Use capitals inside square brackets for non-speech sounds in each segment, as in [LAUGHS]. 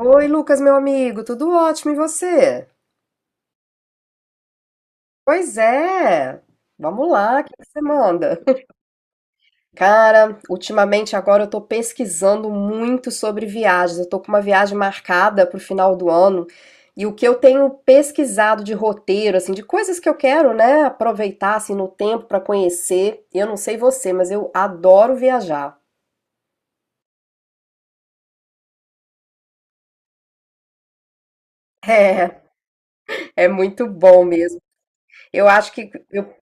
Oi, Lucas, meu amigo, tudo ótimo, e você? Pois é, vamos lá, o que que você manda? [LAUGHS] Cara, ultimamente agora eu tô pesquisando muito sobre viagens. Eu tô com uma viagem marcada pro final do ano e o que eu tenho pesquisado de roteiro, assim, de coisas que eu quero, né, aproveitar assim no tempo pra conhecer. Eu não sei você, mas eu adoro viajar. [LAUGHS] É, é muito bom mesmo. Eu acho que eu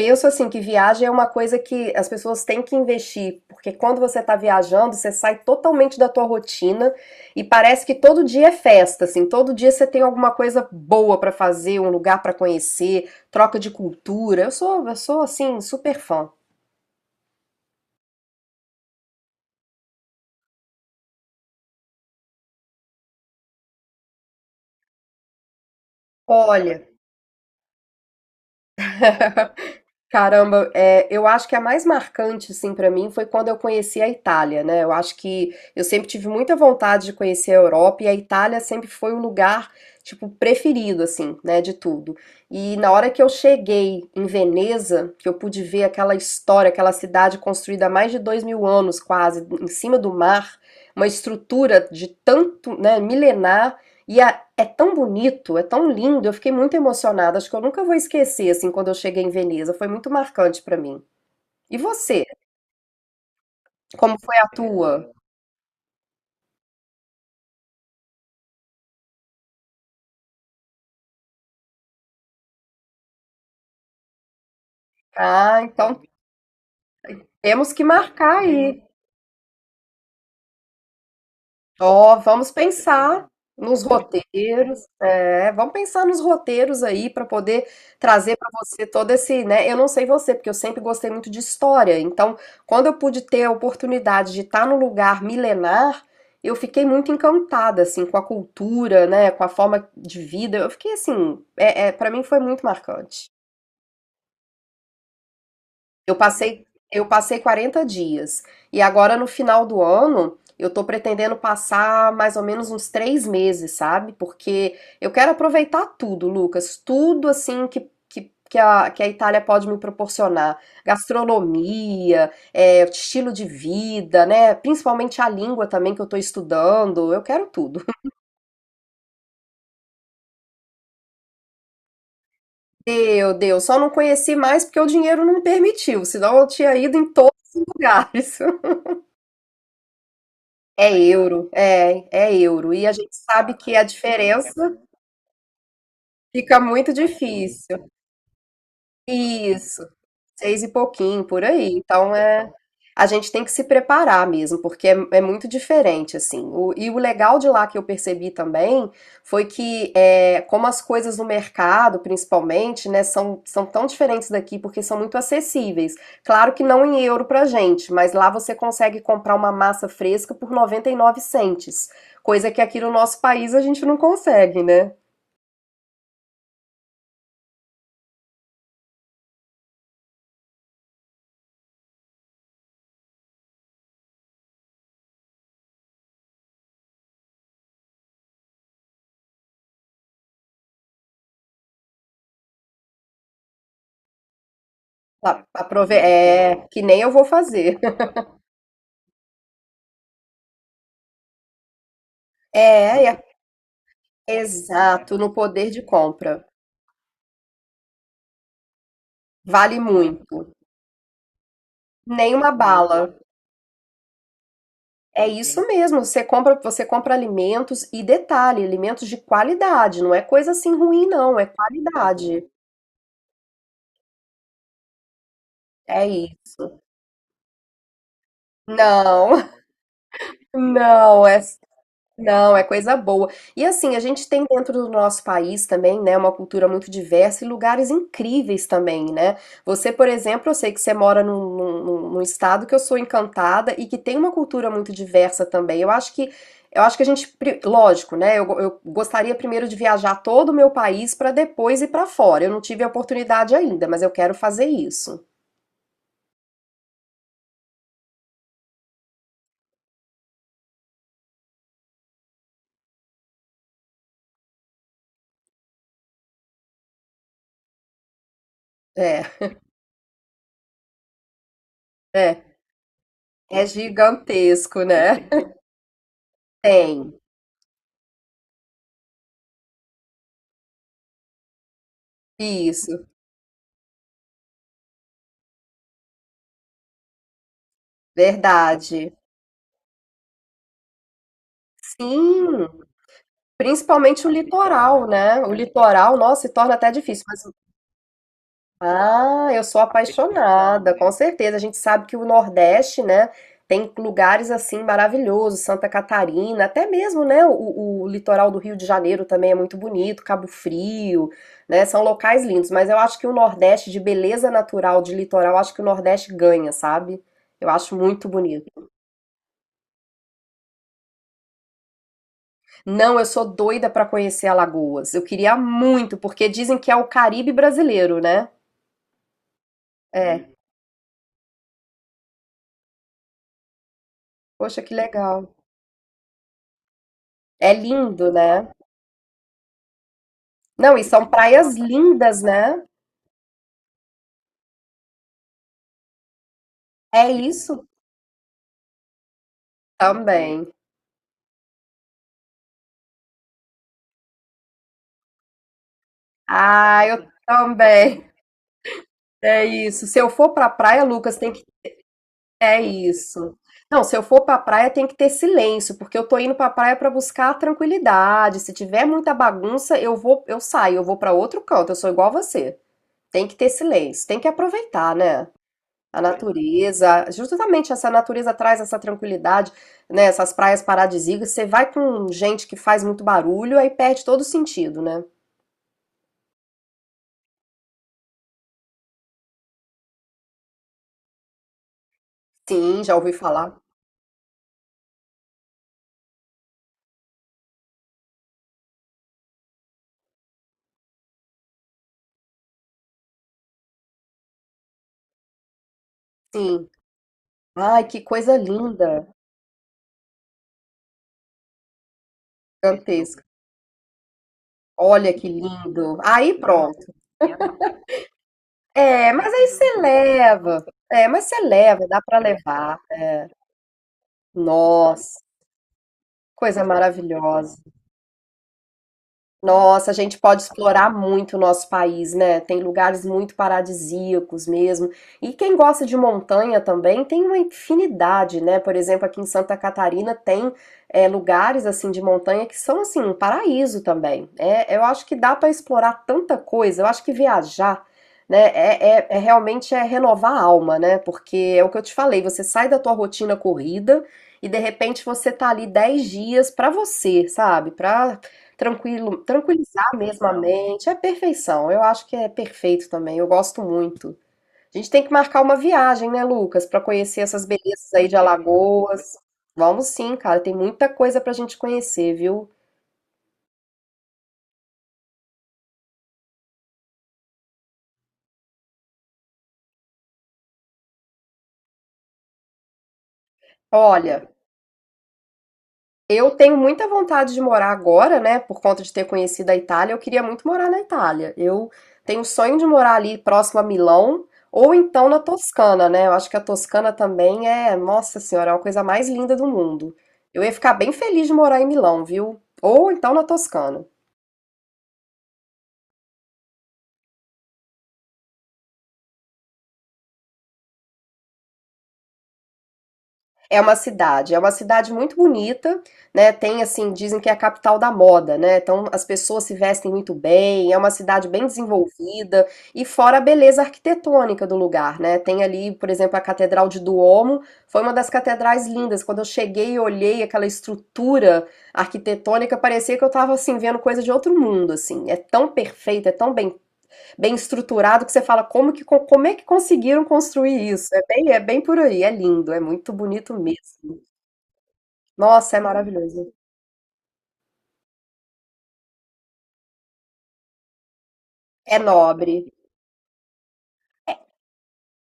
Penso assim que viagem é uma coisa que as pessoas têm que investir, porque quando você está viajando, você sai totalmente da tua rotina e parece que todo dia é festa, assim, todo dia você tem alguma coisa boa para fazer, um lugar para conhecer, troca de cultura. Eu sou assim super fã. Olha, [LAUGHS] Caramba, eu acho que a mais marcante, assim, pra mim foi quando eu conheci a Itália, né? Eu acho que eu sempre tive muita vontade de conhecer a Europa e a Itália sempre foi o lugar, tipo, preferido, assim, né, de tudo. E na hora que eu cheguei em Veneza, que eu pude ver aquela história, aquela cidade construída há mais de 2.000 anos, quase, em cima do mar, uma estrutura de tanto, né, milenar. E é tão bonito, é tão lindo, eu fiquei muito emocionada, acho que eu nunca vou esquecer, assim, quando eu cheguei em Veneza, foi muito marcante pra mim. E você, como foi a tua? Ah, então temos que marcar aí. Ó, vamos pensar nos roteiros aí para poder trazer para você todo esse, né? Eu não sei você, porque eu sempre gostei muito de história. Então, quando eu pude ter a oportunidade de estar num lugar milenar, eu fiquei muito encantada assim com a cultura, né? Com a forma de vida. Eu fiquei assim, para mim foi muito marcante. Eu passei eu passei 40 dias. E agora no final do ano, eu tô pretendendo passar mais ou menos uns 3 meses, sabe? Porque eu quero aproveitar tudo, Lucas, tudo assim que a Itália pode me proporcionar. Gastronomia, estilo de vida, né? Principalmente a língua também que eu tô estudando. Eu quero tudo. [LAUGHS] Meu Deus, só não conheci mais porque o dinheiro não permitiu, senão eu tinha ido em todos os lugares. [LAUGHS] É euro, é euro. E a gente sabe que a diferença fica muito difícil. Isso, seis e pouquinho, por aí. Então é, a gente tem que se preparar mesmo, porque é muito diferente, assim. E o legal de lá que eu percebi também foi que, como as coisas no mercado, principalmente, né, são tão diferentes daqui, porque são muito acessíveis. Claro que não em euro pra gente, mas lá você consegue comprar uma massa fresca por 99 centes, coisa que aqui no nosso país a gente não consegue, né? Aprove é, que nem eu vou fazer. [LAUGHS] É, exato, no poder de compra. Vale muito. Nem uma bala. É isso mesmo. Você compra alimentos e detalhe, alimentos de qualidade. Não é coisa assim ruim, não. É qualidade. É isso. Não, [LAUGHS] não. Não, é coisa boa. E assim, a gente tem dentro do nosso país também, né, uma cultura muito diversa e lugares incríveis também, né? Você, por exemplo, eu sei que você mora num estado que eu sou encantada e que tem uma cultura muito diversa também. Eu acho que a gente, lógico, né? Eu gostaria primeiro de viajar todo o meu país para depois ir para fora. Eu não tive a oportunidade ainda, mas eu quero fazer isso. É, é, é gigantesco, né? Tem. Isso, verdade. Sim. Principalmente o litoral, né? O litoral, nossa, se torna até difícil. Mas, ah, eu sou apaixonada, com certeza. A gente sabe que o Nordeste, né, tem lugares assim maravilhosos, Santa Catarina, até mesmo, né, o litoral do Rio de Janeiro também é muito bonito, Cabo Frio, né? São locais lindos. Mas eu acho que o Nordeste, de beleza natural, de litoral, acho que o Nordeste ganha, sabe? Eu acho muito bonito. Não, eu sou doida pra conhecer Alagoas. Eu queria muito, porque dizem que é o Caribe brasileiro, né? É, poxa, que legal. É lindo, né? Não, e são praias lindas, né? É isso também. Ah, eu também. [LAUGHS] É isso. Se eu for pra praia, Lucas, tem que. É isso. Não, se eu for pra praia, tem que ter silêncio, porque eu tô indo pra praia pra buscar a tranquilidade. Se tiver muita bagunça, eu saio, eu vou pra outro canto. Eu sou igual você. Tem que ter silêncio, tem que aproveitar, né? A natureza, justamente essa natureza traz essa tranquilidade, né? Essas praias paradisíacas. Você vai com gente que faz muito barulho, aí perde todo o sentido, né? Sim, já ouvi falar. Sim. Ai, que coisa linda, gigantesca. Olha que lindo. Aí pronto. É, mas aí você leva. É, mas você leva, dá pra levar. É. Nossa, coisa maravilhosa. Nossa, a gente pode explorar muito o nosso país, né? Tem lugares muito paradisíacos mesmo. E quem gosta de montanha também tem uma infinidade, né? Por exemplo, aqui em Santa Catarina tem lugares assim de montanha que são assim um paraíso também. É, eu acho que dá para explorar tanta coisa. Eu acho que viajar, né? É, realmente é renovar a alma, né? Porque é o que eu te falei. Você sai da tua rotina corrida. E de repente você tá ali 10 dias para você, sabe? Para tranquilizar mesmo a mente, é perfeição. Eu acho que é perfeito também, eu gosto muito. A gente tem que marcar uma viagem, né, Lucas, para conhecer essas belezas aí de Alagoas. Vamos sim, cara, tem muita coisa pra gente conhecer, viu? Olha, eu tenho muita vontade de morar agora, né, por conta de ter conhecido a Itália, eu queria muito morar na Itália. Eu tenho o sonho de morar ali próximo a Milão ou então na Toscana, né? Eu acho que a Toscana também é, nossa senhora, é uma coisa mais linda do mundo. Eu ia ficar bem feliz de morar em Milão, viu? Ou então na Toscana. É uma cidade muito bonita, né? Tem assim, dizem que é a capital da moda, né? Então as pessoas se vestem muito bem, é uma cidade bem desenvolvida e fora a beleza arquitetônica do lugar, né? Tem ali, por exemplo, a Catedral de Duomo, foi uma das catedrais lindas. Quando eu cheguei e olhei aquela estrutura arquitetônica, parecia que eu estava assim vendo coisa de outro mundo, assim. É tão perfeita, é tão bem estruturado que você fala como é que conseguiram construir isso? É bem por aí, é lindo, é muito bonito mesmo. Nossa, é maravilhoso. É nobre.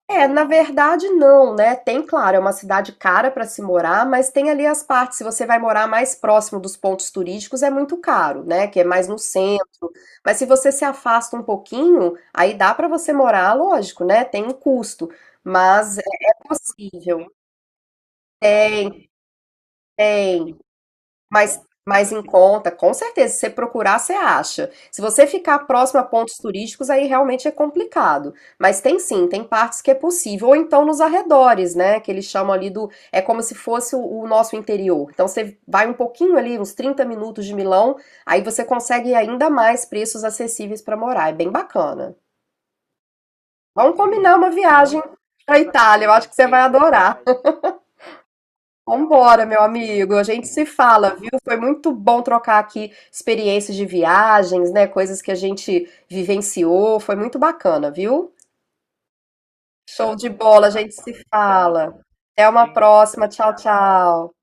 É, na verdade não, né? Tem, claro, é uma cidade cara para se morar, mas tem ali as partes. Se você vai morar mais próximo dos pontos turísticos, é muito caro, né? Que é mais no centro. Mas se você se afasta um pouquinho, aí dá para você morar, lógico, né? Tem um custo, mas é possível. Tem, tem. Mas, em conta, com certeza, se você procurar, você acha. Se você ficar próximo a pontos turísticos, aí realmente é complicado. Mas tem sim, tem partes que é possível. Ou então nos arredores, né? Que eles chamam ali do. É como se fosse o nosso interior. Então você vai um pouquinho ali, uns 30 minutos de Milão, aí você consegue ainda mais preços acessíveis para morar. É bem bacana. Vamos combinar uma viagem para Itália, eu acho que você vai adorar. Vambora, meu amigo. A gente se fala, viu? Foi muito bom trocar aqui experiências de viagens, né? Coisas que a gente vivenciou. Foi muito bacana, viu? Show de bola, a gente se fala. Até uma próxima. Tchau, tchau.